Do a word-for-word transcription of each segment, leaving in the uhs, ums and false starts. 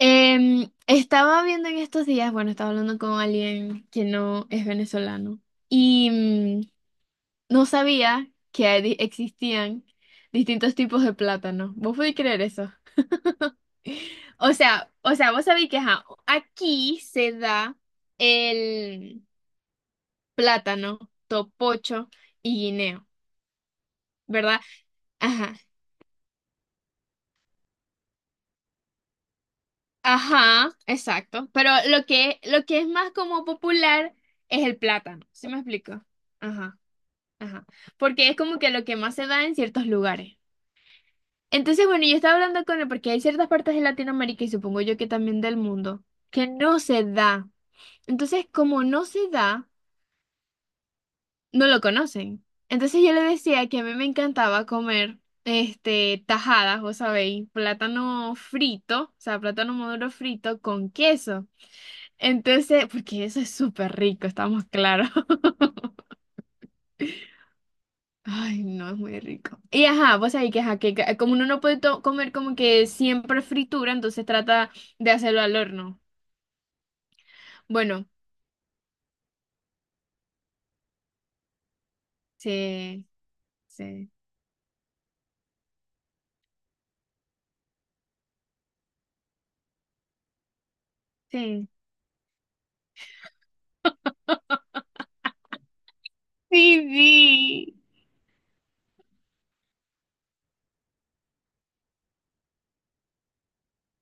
Em, estaba viendo en estos días, bueno, estaba hablando con alguien que no es venezolano y mm, no sabía que hay di- existían distintos tipos de plátano. ¿Vos podés creer eso? O sea, o sea, vos sabés que ajá, aquí se da el plátano, topocho y guineo, ¿verdad? Ajá. Ajá, exacto. Pero lo que, lo que es más como popular es el plátano. ¿Sí me explico? Ajá. Ajá, porque es como que lo que más se da en ciertos lugares. Entonces, bueno, yo estaba hablando con él porque hay ciertas partes de Latinoamérica y supongo yo que también del mundo que no se da. Entonces, como no se da, no lo conocen. Entonces yo le decía que a mí me encantaba comer este tajadas, vos sabéis, plátano frito, o sea, plátano maduro frito con queso. Entonces, porque eso es súper rico, estamos claros. Ay, no, es muy rico. Y ajá, vos sabés que, ajá, que ca- como uno no puede to- comer como que siempre fritura, entonces trata de hacerlo al horno. Bueno, sí, sí, sí. Sí,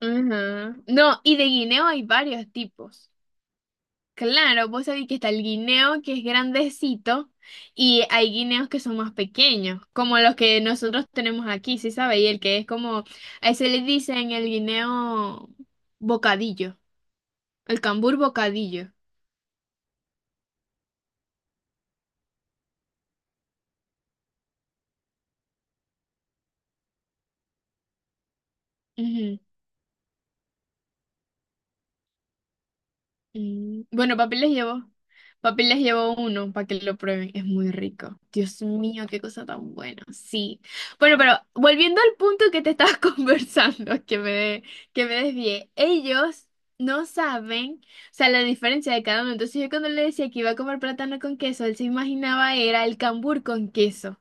ajá. No, y de guineo hay varios tipos. Claro, vos sabés que está el guineo que es grandecito y hay guineos que son más pequeños, como los que nosotros tenemos aquí, ¿sí sabe? Y el que es como, a ese le dicen el guineo bocadillo, el cambur bocadillo. Ujú, mm. Bueno, papi les llevo. Papi les llevo uno para que lo prueben. Es muy rico. Dios mío, qué cosa tan buena. Sí. Bueno, pero volviendo al punto que te estabas conversando, que me, de- que me desvié. Ellos no saben, o sea, la diferencia de cada uno. Entonces yo cuando le decía que iba a comer plátano con queso, él se imaginaba era el cambur con queso.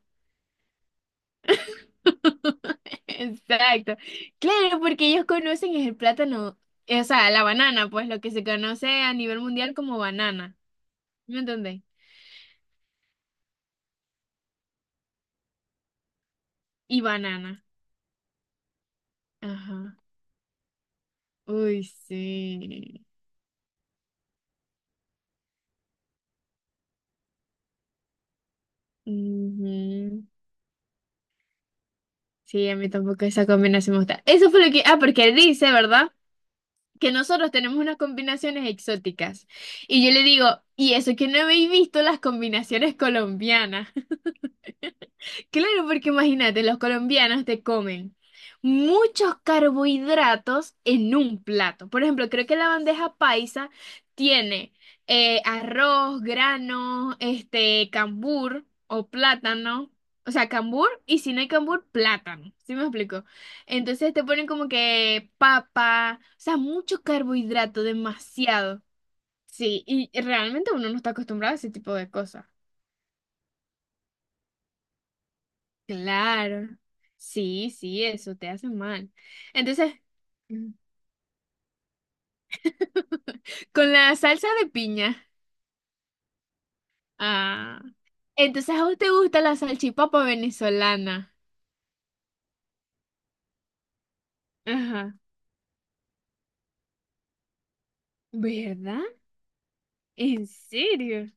Exacto. Claro, porque ellos conocen es el plátano, eh, o sea, la banana, pues lo que se conoce a nivel mundial como banana. ¿Me entendés? Y banana. Ajá. Uy, sí. Ujú. Sí, a mí tampoco esa combinación me gusta. Eso fue lo que... Ah, porque dice, ¿verdad? Que nosotros tenemos unas combinaciones exóticas. Y yo le digo, y eso que no habéis visto las combinaciones colombianas. Claro, porque imagínate, los colombianos te comen muchos carbohidratos en un plato. Por ejemplo, creo que la bandeja paisa tiene eh, arroz, granos, este, cambur o plátano. O sea, cambur y si no hay cambur, plátano. ¿Sí me explico? Entonces te ponen como que papa, o sea, mucho carbohidrato, demasiado. Sí, y realmente uno no está acostumbrado a ese tipo de cosas. Claro. Sí, sí, eso te hace mal. Entonces, Mm. con la salsa de piña. Ah. Entonces, ¿a vos te gusta la salchipapa venezolana? Ajá. ¿Verdad? ¿En serio?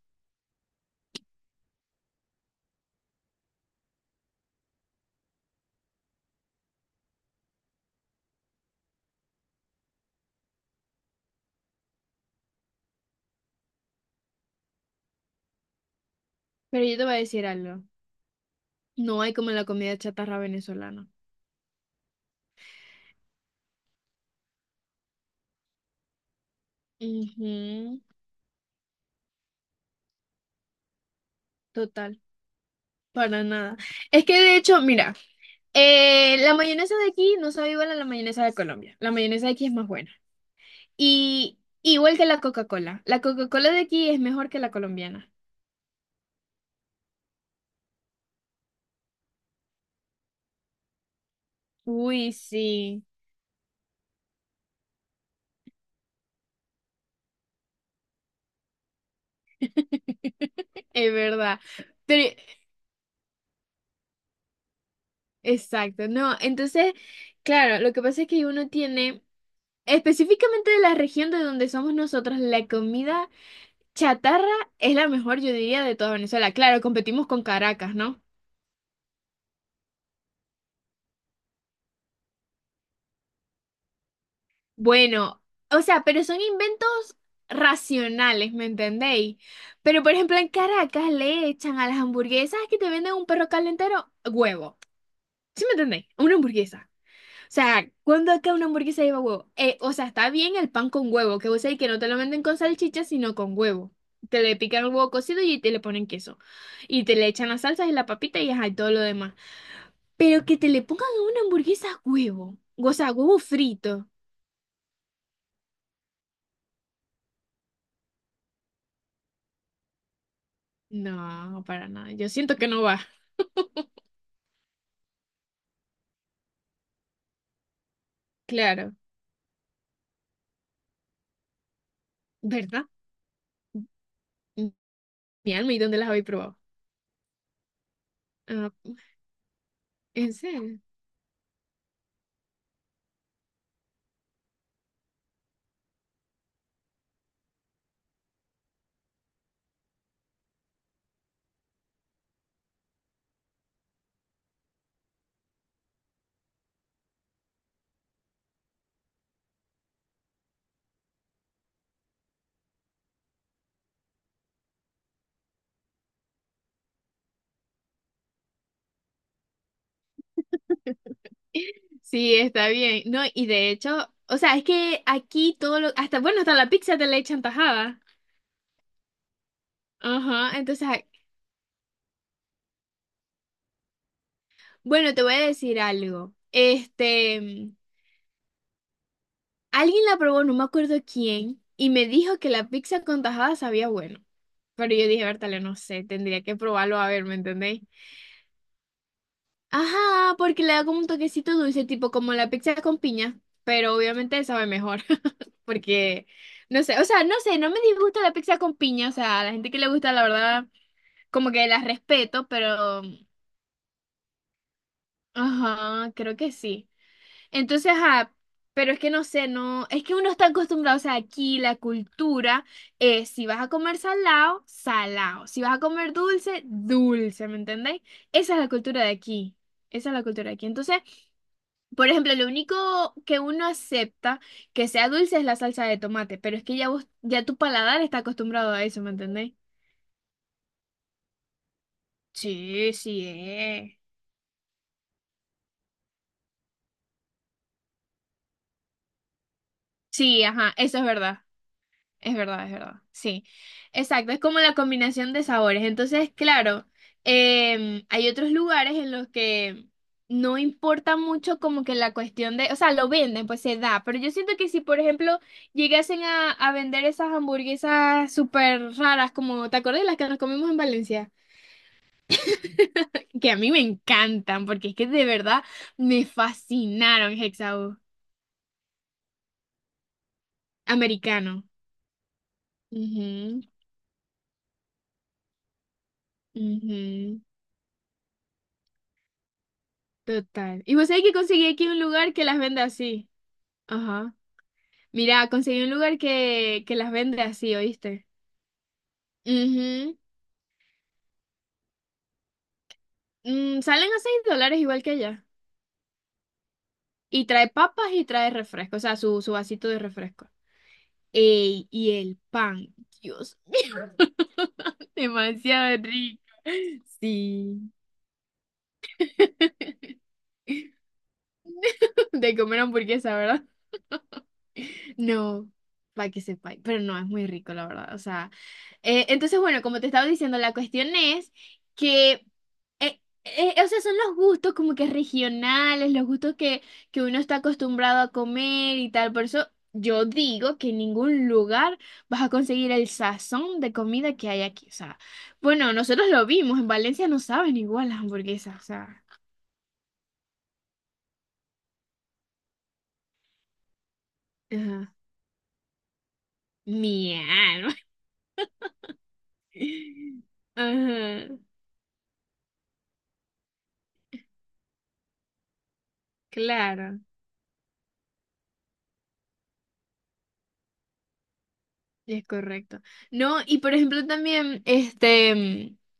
Pero yo te voy a decir algo. No hay como la comida chatarra venezolana. Ujú, total, para nada. Es que de hecho, mira, eh, la mayonesa de aquí no sabe igual a la mayonesa de Colombia. La mayonesa de aquí es más buena. Y igual que la Coca-Cola. La Coca-Cola de aquí es mejor que la colombiana. Uy, sí, es verdad. Pero, exacto, no. Entonces, claro, lo que pasa es que uno tiene, específicamente de la región de donde somos nosotros, la comida chatarra es la mejor, yo diría, de toda Venezuela. Claro, competimos con Caracas, ¿no? Bueno, o sea, pero son inventos racionales, ¿me entendéis? Pero por ejemplo, en Caracas le echan a las hamburguesas que te venden un perro calentero huevo. ¿Sí me entendéis? Una hamburguesa. O sea, ¿cuándo acá una hamburguesa lleva huevo? Eh, o sea, está bien el pan con huevo, que vos sabés que no te lo venden con salchicha, sino con huevo. Te le pican el huevo cocido y te le ponen queso. Y te le echan las salsas y la papita y ajá, y todo lo demás. Pero que te le pongan a una hamburguesa huevo. O sea, huevo frito. No, para nada. Yo siento que no va. Claro, ¿verdad? Mm, Mi alma, ¿y dónde las habéis probado? Ah, ¿en serio? Sí, está bien. No, y de hecho, o sea, es que aquí todo lo, hasta, bueno, hasta la pizza te la echan tajada. Ajá, entonces, ay, bueno, te voy a decir algo. Este, mm, alguien la probó, no me acuerdo quién, y me dijo que la pizza con tajada sabía bueno. Pero yo dije, Bertale, no sé, tendría que probarlo a ver, ¿me entendéis? Ajá, porque le da como un toquecito dulce, tipo como la pizza con piña, pero obviamente sabe mejor, porque no sé, o sea, no sé, no me disgusta la pizza con piña, o sea, a la gente que le gusta, la verdad, como que la respeto, pero, ajá, creo que sí. Entonces, ajá, pero es que no sé, no, es que uno está acostumbrado, o sea, aquí la cultura es, si vas a comer salado, salado, si vas a comer dulce, dulce, ¿me entendéis? Esa es la cultura de aquí, esa es la cultura de aquí. Entonces, por ejemplo, lo único que uno acepta que sea dulce es la salsa de tomate, pero es que ya vos, ya tu paladar está acostumbrado a eso, ¿me entendéis? Sí, sí es. Sí, ajá, eso es verdad. Es verdad, es verdad. Sí, exacto. Es como la combinación de sabores. Entonces, claro, em, hay otros lugares en los que no importa mucho como que la cuestión de, o sea, lo venden, pues se da. Pero yo siento que si, por ejemplo, llegasen a, a vender esas hamburguesas súper raras, como, ¿te acuerdas de las que nos comimos en Valencia? Que a mí me encantan, porque es que de verdad me fascinaron, Hexau. Americano. Ujú, ujú. Total. Y vos sabés que conseguí aquí un lugar que las vende así. Ajá. Mira, conseguí un lugar que, que las vende así, ¿oíste? Mhm. Salen a seis dólares igual que allá. Y trae papas y trae refresco, o sea, su, su vasito de refresco. Ey, y el pan. Dios, demasiado rico. Sí. De comer hamburguesa, ¿verdad? No, para que sepáis, pero no, es muy rico, la verdad. O sea, eh, entonces, bueno, como te estaba diciendo, la cuestión es que, eh, eh, o sea, son los gustos como que regionales, los gustos que, que uno está acostumbrado a comer y tal. Por eso yo digo que en ningún lugar vas a conseguir el sazón de comida que hay aquí. O sea, bueno, nosotros lo vimos, en Valencia no saben igual las hamburguesas, o sea, ajá, mi alma. Ajá, claro. Es correcto. No, y por ejemplo también, este,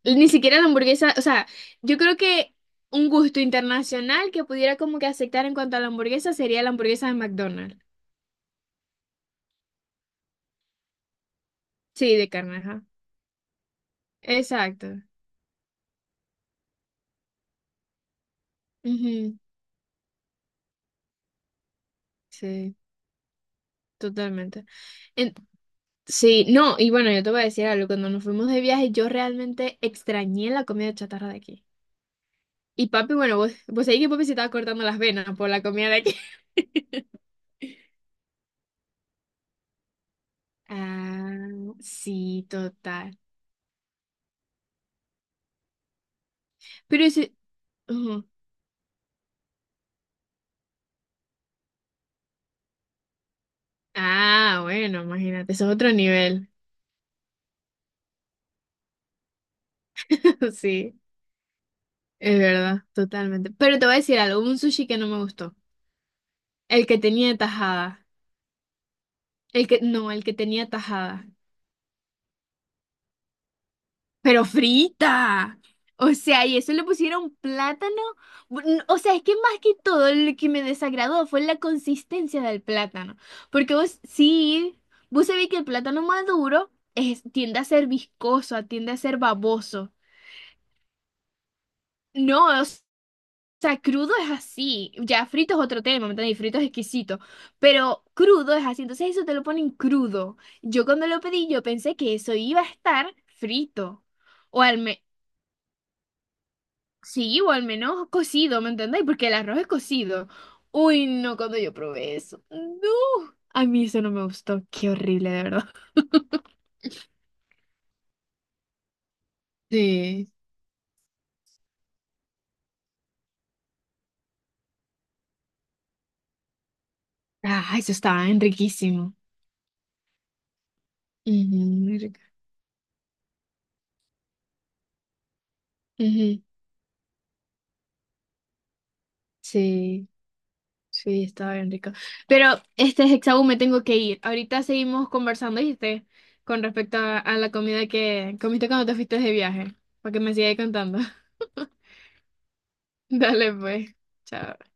mm, ni siquiera la hamburguesa, o sea, yo creo que un gusto internacional que pudiera como que aceptar en cuanto a la hamburguesa sería la hamburguesa de McDonald's. Sí, de carne, ajá. Exacto. Ujú, sí, totalmente. En- sí, no, y bueno, yo te voy a decir algo, cuando nos fuimos de viaje yo realmente extrañé la comida chatarra de aquí. Y papi, bueno, vos, vos sabés que papi se estaba cortando las venas por la comida de aquí. Ah, sí, total. Pero ese... ujú. Ah, bueno, imagínate, eso es otro nivel. Sí, es verdad, totalmente. Pero te voy a decir algo, hubo un sushi que no me gustó. El que tenía tajada. El que, no, el que tenía tajada. Pero frita. O sea, y eso le pusieron plátano. Bu- n- O sea, es que más que todo lo que me desagradó fue la consistencia del plátano. Porque vos, sí, vos sabés que el plátano maduro es, tiende a ser viscoso, tiende a ser baboso. No, o sea, crudo es así. Ya frito es otro tema, ¿me entiendes? Frito es exquisito. Pero crudo es así. Entonces eso te lo ponen crudo. Yo cuando lo pedí, yo pensé que eso iba a estar frito. O al menos, sí, o al menos cocido, ¿me entendéis? Porque el arroz es cocido. Uy, no, cuando yo probé eso. No. A mí eso no me gustó. Qué horrible, de verdad. Sí. Ah, eso estaba bien riquísimo. Ujú, muy rico. Ujú, sí. Sí, estaba bien rico. Pero, este Hexaú, me tengo que ir. Ahorita seguimos conversando, ¿viste? Con respecto a, a la comida que comiste cuando te fuiste de viaje. Para que me sigas contando. Dale, pues. Chao.